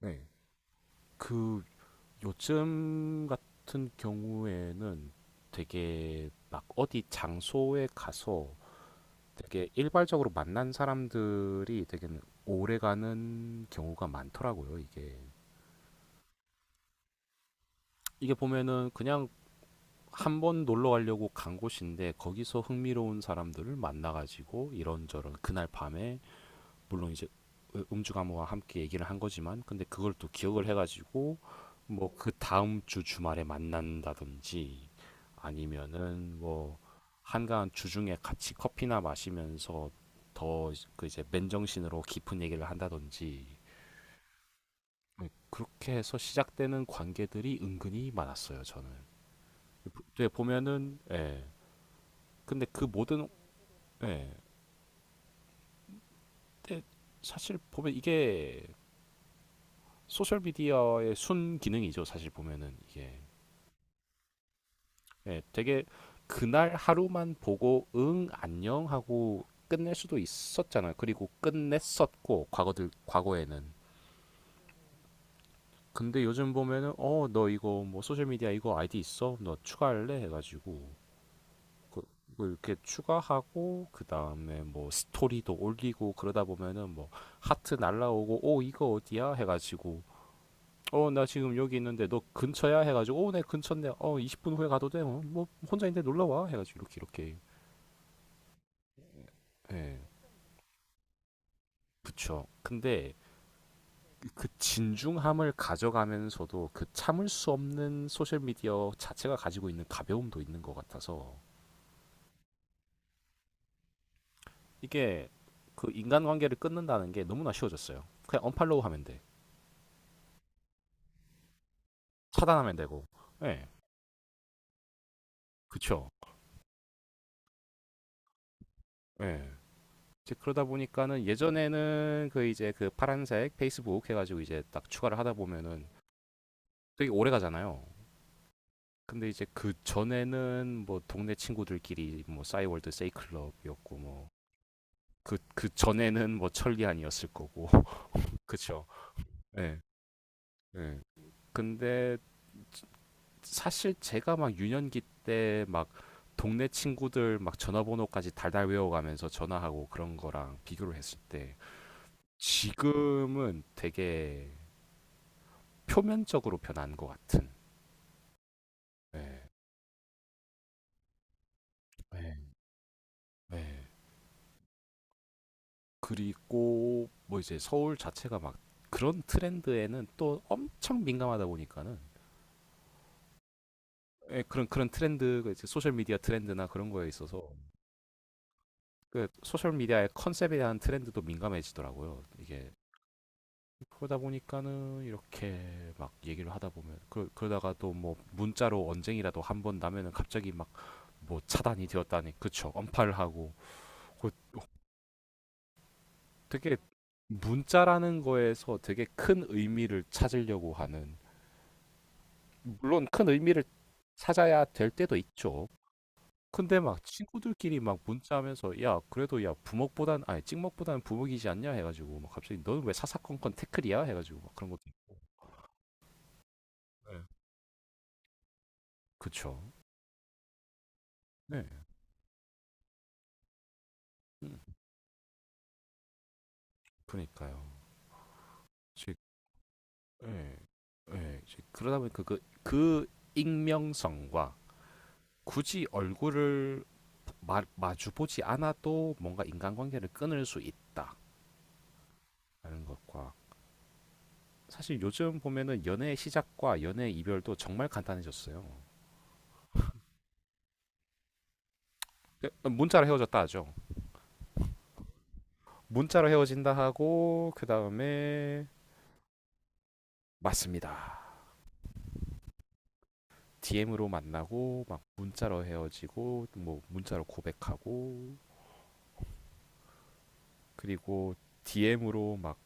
네. 그 요즘 같은 경우에는 되게 막 어디 장소에 가서 되게 일괄적으로 만난 사람들이 되게 오래가는 경우가 많더라고요, 이게. 이게 보면은 그냥 한번 놀러 가려고 간 곳인데 거기서 흥미로운 사람들을 만나가지고 이런저런 그날 밤에 물론 이제 음주 감호와 함께 얘기를 한 거지만 근데 그걸 또 기억을 해가지고 뭐 그 다음 주 주말에 만난다든지 아니면은 뭐 한가한 주중에 같이 커피나 마시면서 더 그 이제 맨정신으로 깊은 얘기를 한다든지. 네, 그렇게 해서 시작되는 관계들이 은근히 많았어요, 저는. 근 보면은, 예. 근데 그 모든, 예. 근데 사실 보면 이게 소셜 미디어의 순 기능이죠. 사실 보면은 이게, 예, 되게 그날 하루만 보고 응 안녕 하고 끝낼 수도 있었잖아요. 그리고 끝냈었고, 과거들 과거에는. 근데 요즘 보면은 어 너 이거 뭐 소셜 미디어 이거 아이디 있어? 너 추가할래? 해가지고 그- 그 이렇게 추가하고 그 다음에 뭐 스토리도 올리고 그러다 보면은 뭐 하트 날라오고 오 이거 어디야? 해가지고 어 나 지금 여기 있는데 너 근처야? 해가지고 어 내 근처인데 어 20분 후에 가도 돼? 어, 뭐 혼자인데 놀러 와? 해가지고 이렇게 이렇게. 예. 그쵸. 근데 그 진중함을 가져가면서도 그 참을 수 없는 소셜미디어 자체가 가지고 있는 가벼움도 있는 것 같아서. 이게 그 인간관계를 끊는다는 게 너무나 쉬워졌어요. 그냥 언팔로우 하면 돼. 차단하면 되고. 예. 그쵸. 예. 이제 그러다 보니까는 예전에는 그 이제 그 파란색 페이스북 해가지고 이제 딱 추가를 하다 보면은 되게 오래 가잖아요. 근데 이제 그 전에는 뭐 동네 친구들끼리 뭐 싸이월드 세이클럽이었고 뭐 그, 그 전에는 뭐 천리안이었을 거고. 그쵸. 예. 예. 근데 사실 제가 막 유년기 때 막 동네 친구들 막 전화번호까지 달달 외워가면서 전화하고 그런 거랑 비교를 했을 때 지금은 되게 표면적으로 변한 것 같은. 예. 네. 네. 그리고 뭐 이제 서울 자체가 막 그런 트렌드에는 또 엄청 민감하다 보니까는, 예, 그런 트렌드가 이제 소셜 미디어 트렌드나 그런 거에 있어서 그 소셜 미디어의 컨셉에 대한 트렌드도 민감해지더라고요, 이게. 그러다 보니까는 이렇게 막 얘기를 하다 보면 그, 그러다가 또 뭐 문자로 언쟁이라도 한 번 나면은 갑자기 막 뭐 차단이 되었다니, 그쵸, 언팔 하고 그 되게 문자라는 거에서 되게 큰 의미를 찾으려고 하는, 물론 큰 의미를 찾아야 될 때도 있죠. 근데 막 친구들끼리 막 문자하면서 야 그래도 야 부먹보단 아니 찍먹보다는 부먹이지 않냐 해가지고 막 갑자기 너는 왜 사사건건 태클이야 해가지고 막 그런 것도 있고. 네. 그쵸. 네. 음, 그러니까요. 즉, 예, 예, 즉, 그러다 보니까 그, 그 익명성과 굳이 얼굴을 마, 마주보지 않아도 뭔가 인간관계를 끊을 수 있다라는 것과 사실 요즘 보면은 연애 시작과 연애 이별도 정말 간단해졌어요. 그, 문자로 헤어졌다 하죠. 문자로 헤어진다 하고 그 다음에. 맞습니다. DM으로 만나고 막 문자로 헤어지고 뭐 문자로 고백하고 그리고 DM으로 막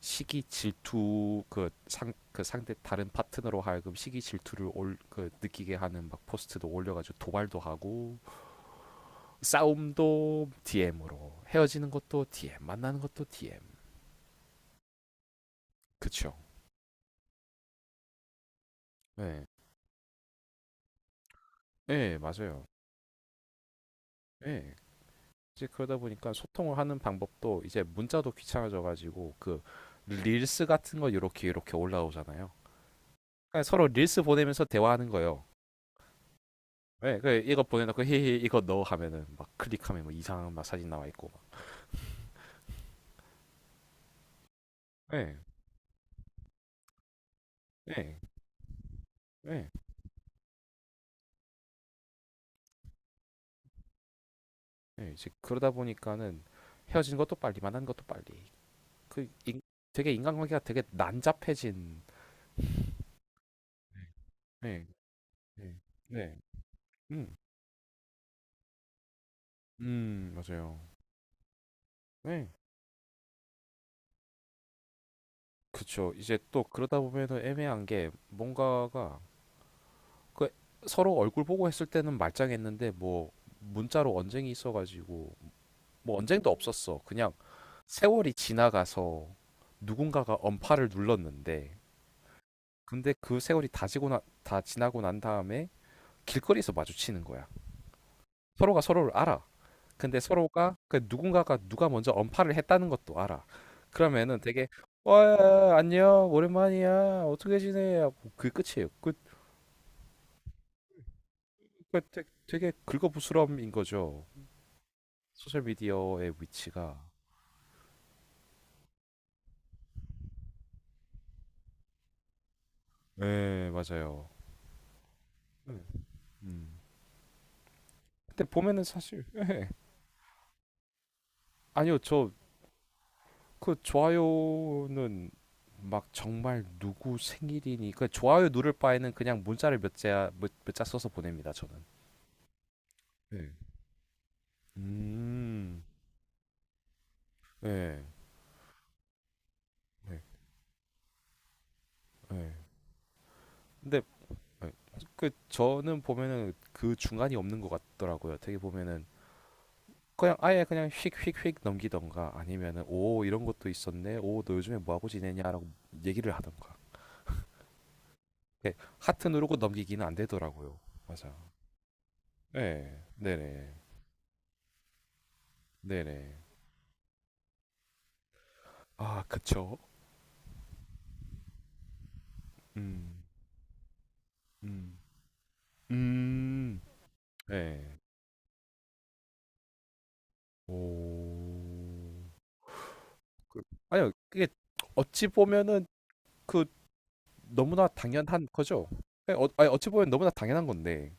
시기 질투 그 상 그 상대 다른 파트너로 하여금 시기 질투를 올 그 느끼게 하는 막 포스트도 올려가지고 도발도 하고 싸움도 DM으로, 헤어지는 것도 DM, 만나는 것도 DM. 그쵸. 네. 네, 맞아요. 네. 이제 그러다 보니까 소통을 하는 방법도 이제 문자도 귀찮아져가지고 그 릴스 같은 거 이렇게 이렇게 올라오잖아요. 그러니까 서로 릴스 보내면서 대화하는 거예요. 예, 네, 그 이거 보내놓고 히히 이거 넣어 하면은 막 클릭하면 뭐 이상한 막 사진 나와 있고 막. 예, 예, 예, 예. 이제 그러다 보니까는 헤어진 것도 빨리, 만난 것도 빨리. 그 인- 되게 인간관계가 되게 난잡해진. 네, 네, 네. 네, 음, 맞아요. 네. 그쵸. 이제 또 그러다 보면은 애매한 게 뭔가가 그 서로 얼굴 보고 했을 때는 말짱했는데 뭐 문자로 언쟁이 있어가지고 뭐 언쟁도 없었어. 그냥 세월이 지나가서 누군가가 언팔을 눌렀는데, 근데 그 세월이 다 지고 나, 다 지나고 난 다음에 길거리에서 마주치는 거야. 서로가 서로를 알아. 근데 서로가 그 누군가가 누가 먼저 언팔을 했다는 것도 알아. 그러면은 되게 와 안녕 오랜만이야 어떻게 지내? 하고 그게 끝이에요. 그 그러니까 되게 긁어부스럼인 거죠. 소셜 미디어의 위치가. 네, 맞아요. 네. 음. 근데 보면은 사실, 예. 아니요, 저 그 좋아요는 막 정말 누구 생일이니 그 좋아요 누를 바에는 그냥 문자를 몇 자, 몇, 몇자 써서 보냅니다, 저는. 네. 음. 예. 예. 예. 근데, 예. 그 저는 보면은 그 중간이 없는 것 같더라고요. 되게 보면은 그냥 아예 그냥 휙휙휙 넘기던가 아니면은 오 이런 것도 있었네 오 너 요즘에 뭐 하고 지내냐라고 얘기를 하던가. 예, 하트 누르고 넘기기는 안 되더라고요. 맞아. 네. 네네. 네네. 아, 그쵸. 음음. 음. 네. 오. 그, 아니요 그게 어찌 보면은 그 너무나 당연한 거죠. 예, 어, 아니, 어찌 보면 너무나 당연한 건데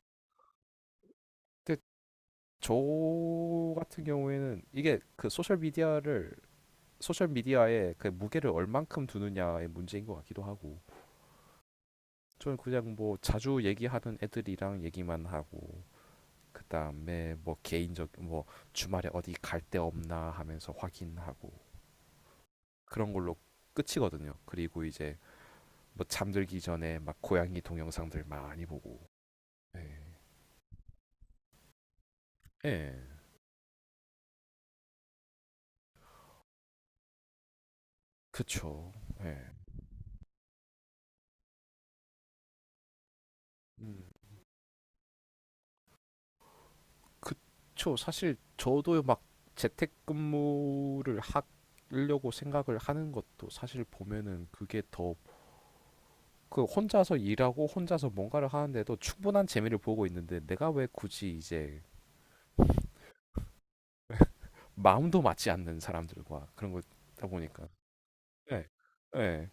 근데 저 같은 경우에는 이게 그 소셜 미디어를 소셜 미디어에 그 무게를 얼만큼 두느냐의 문제인 것 같기도 하고. 저는 그냥 뭐 자주 얘기하는 애들이랑 얘기만 하고 그 다음에 뭐 개인적 뭐 주말에 어디 갈데 없나 하면서 확인하고 그런 걸로 끝이거든요. 그리고 이제 뭐 잠들기 전에 막 고양이 동영상들 많이 보고. 예, 예. 그쵸. 예. 음. 저 사실 저도 막 재택근무를 하려고 생각을 하는 것도 사실 보면은 그게 더 그 혼자서 일하고 혼자서 뭔가를 하는데도 충분한 재미를 보고 있는데 내가 왜 굳이 이제 마음도 맞지 않는 사람들과 그런 거다 보니까. 예, 예,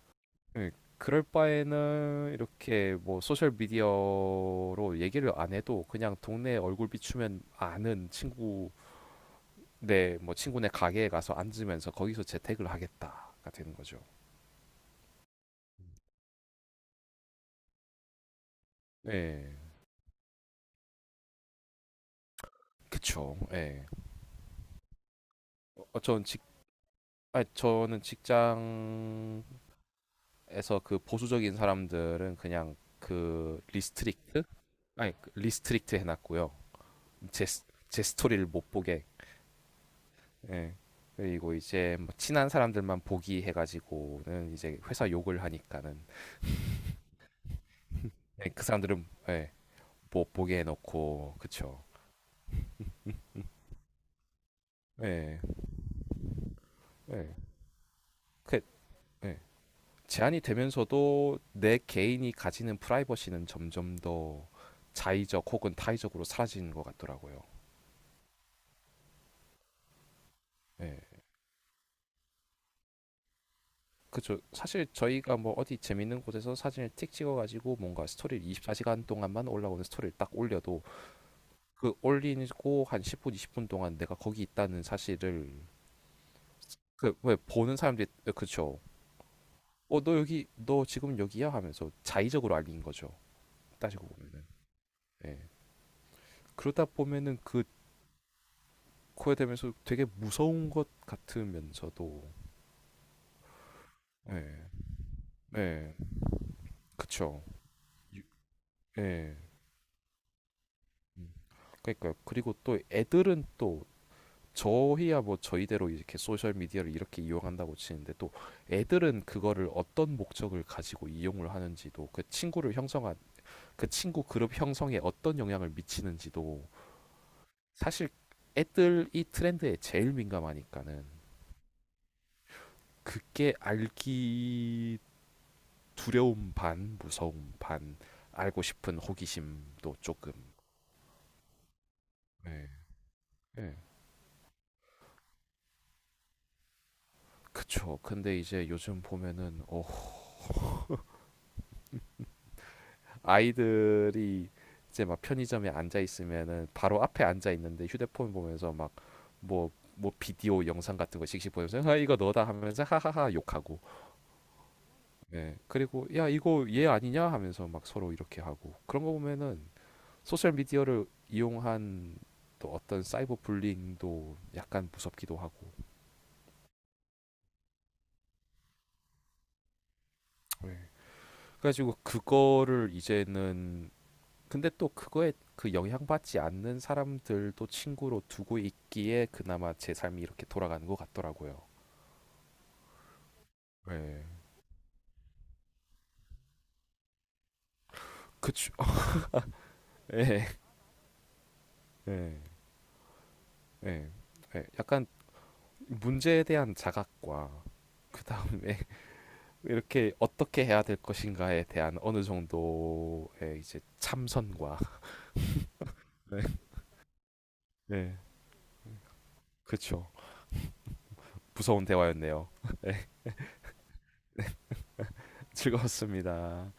예. 그럴 바에는 이렇게 뭐 소셜 미디어로 얘기를 안 해도 그냥 동네 얼굴 비추면 아는 친구, 네, 뭐 친구네 가게에 가서 앉으면서 거기서 재택을 하겠다가 되는 거죠. 예, 그쵸. 예, 어, 아, 저는 직장 에서 그 보수적인 사람들은 그냥 그 리스트릭트, 아니 그 리스트릭트 해놨고요. 제 스토리를 못 보게. 예. 그리고 이제 뭐 친한 사람들만 보기 해가지고는 이제 회사 욕을 하니까는 예, 그 사람들은 예, 못 보게 해놓고 그쵸. 예, 예. 그, 예. 제한이 되면서도 내 개인이 가지는 프라이버시는 점점 더 자의적 혹은 타의적으로 사라지는 것 같더라고요. 예. 그쵸. 사실 저희가 뭐 어디 재밌는 곳에서 사진을 틱 찍어가지고 뭔가 스토리를 24시간 동안만 올라오는 스토리를 딱 올려도 그 올리고 한 10분, 20분 동안 내가 거기 있다는 사실을 그 왜 보는 사람들이 어, 그쵸. 어, 너 여기 너 지금 여기야 하면서 자의적으로 알린 거죠. 따지고 보면은. 예. 그러다 보면은 그 코에 대면서 되게 무서운 것 같으면서도. 예. 예. 그쵸. 유- 예. 음. 그러니까 그리고 또 애들은 또 저희야 뭐 저희대로 이렇게 소셜 미디어를 이렇게 이용한다고 치는데 또 애들은 그거를 어떤 목적을 가지고 이용을 하는지도 그 친구를 형성한 그 친구 그룹 형성에 어떤 영향을 미치는지도 사실 애들이 트렌드에 제일 민감하니까는 이게 알기 두려움 반 무서움 반 알고 싶은 호기심도 조금. 예. 예. 그쵸. 근데 이제 요즘 보면은 어 아이들이 이제 막 편의점에 앉아 있으면은 바로 앞에 앉아 있는데 휴대폰 보면서 막 뭐 뭐 비디오 영상 같은 거 씩씩 보면서 아 이거 너다 하면서 하하하 욕하고 예 그리고 야 이거 얘 아니냐 하면서 막 서로 이렇게 하고 그런 거 보면은 소셜 미디어를 이용한 또 어떤 사이버 불링도 약간 무섭기도 하고. 예. 그래가지고 그거를 이제는, 근데 또 그거에 그 영향받지 않는 사람들도 친구로 두고 있기에 그나마 제 삶이 이렇게 돌아가는 것 같더라고요. 예. 그쵸. 예. 예. 예. 예. 약간 문제에 대한 자각과 그 다음에 이렇게 어떻게 해야 될 것인가에 대한 어느 정도의 이제 참선과 네, 네, 그렇죠. 무서운 대화였네요. 네, 네, 즐거웠습니다.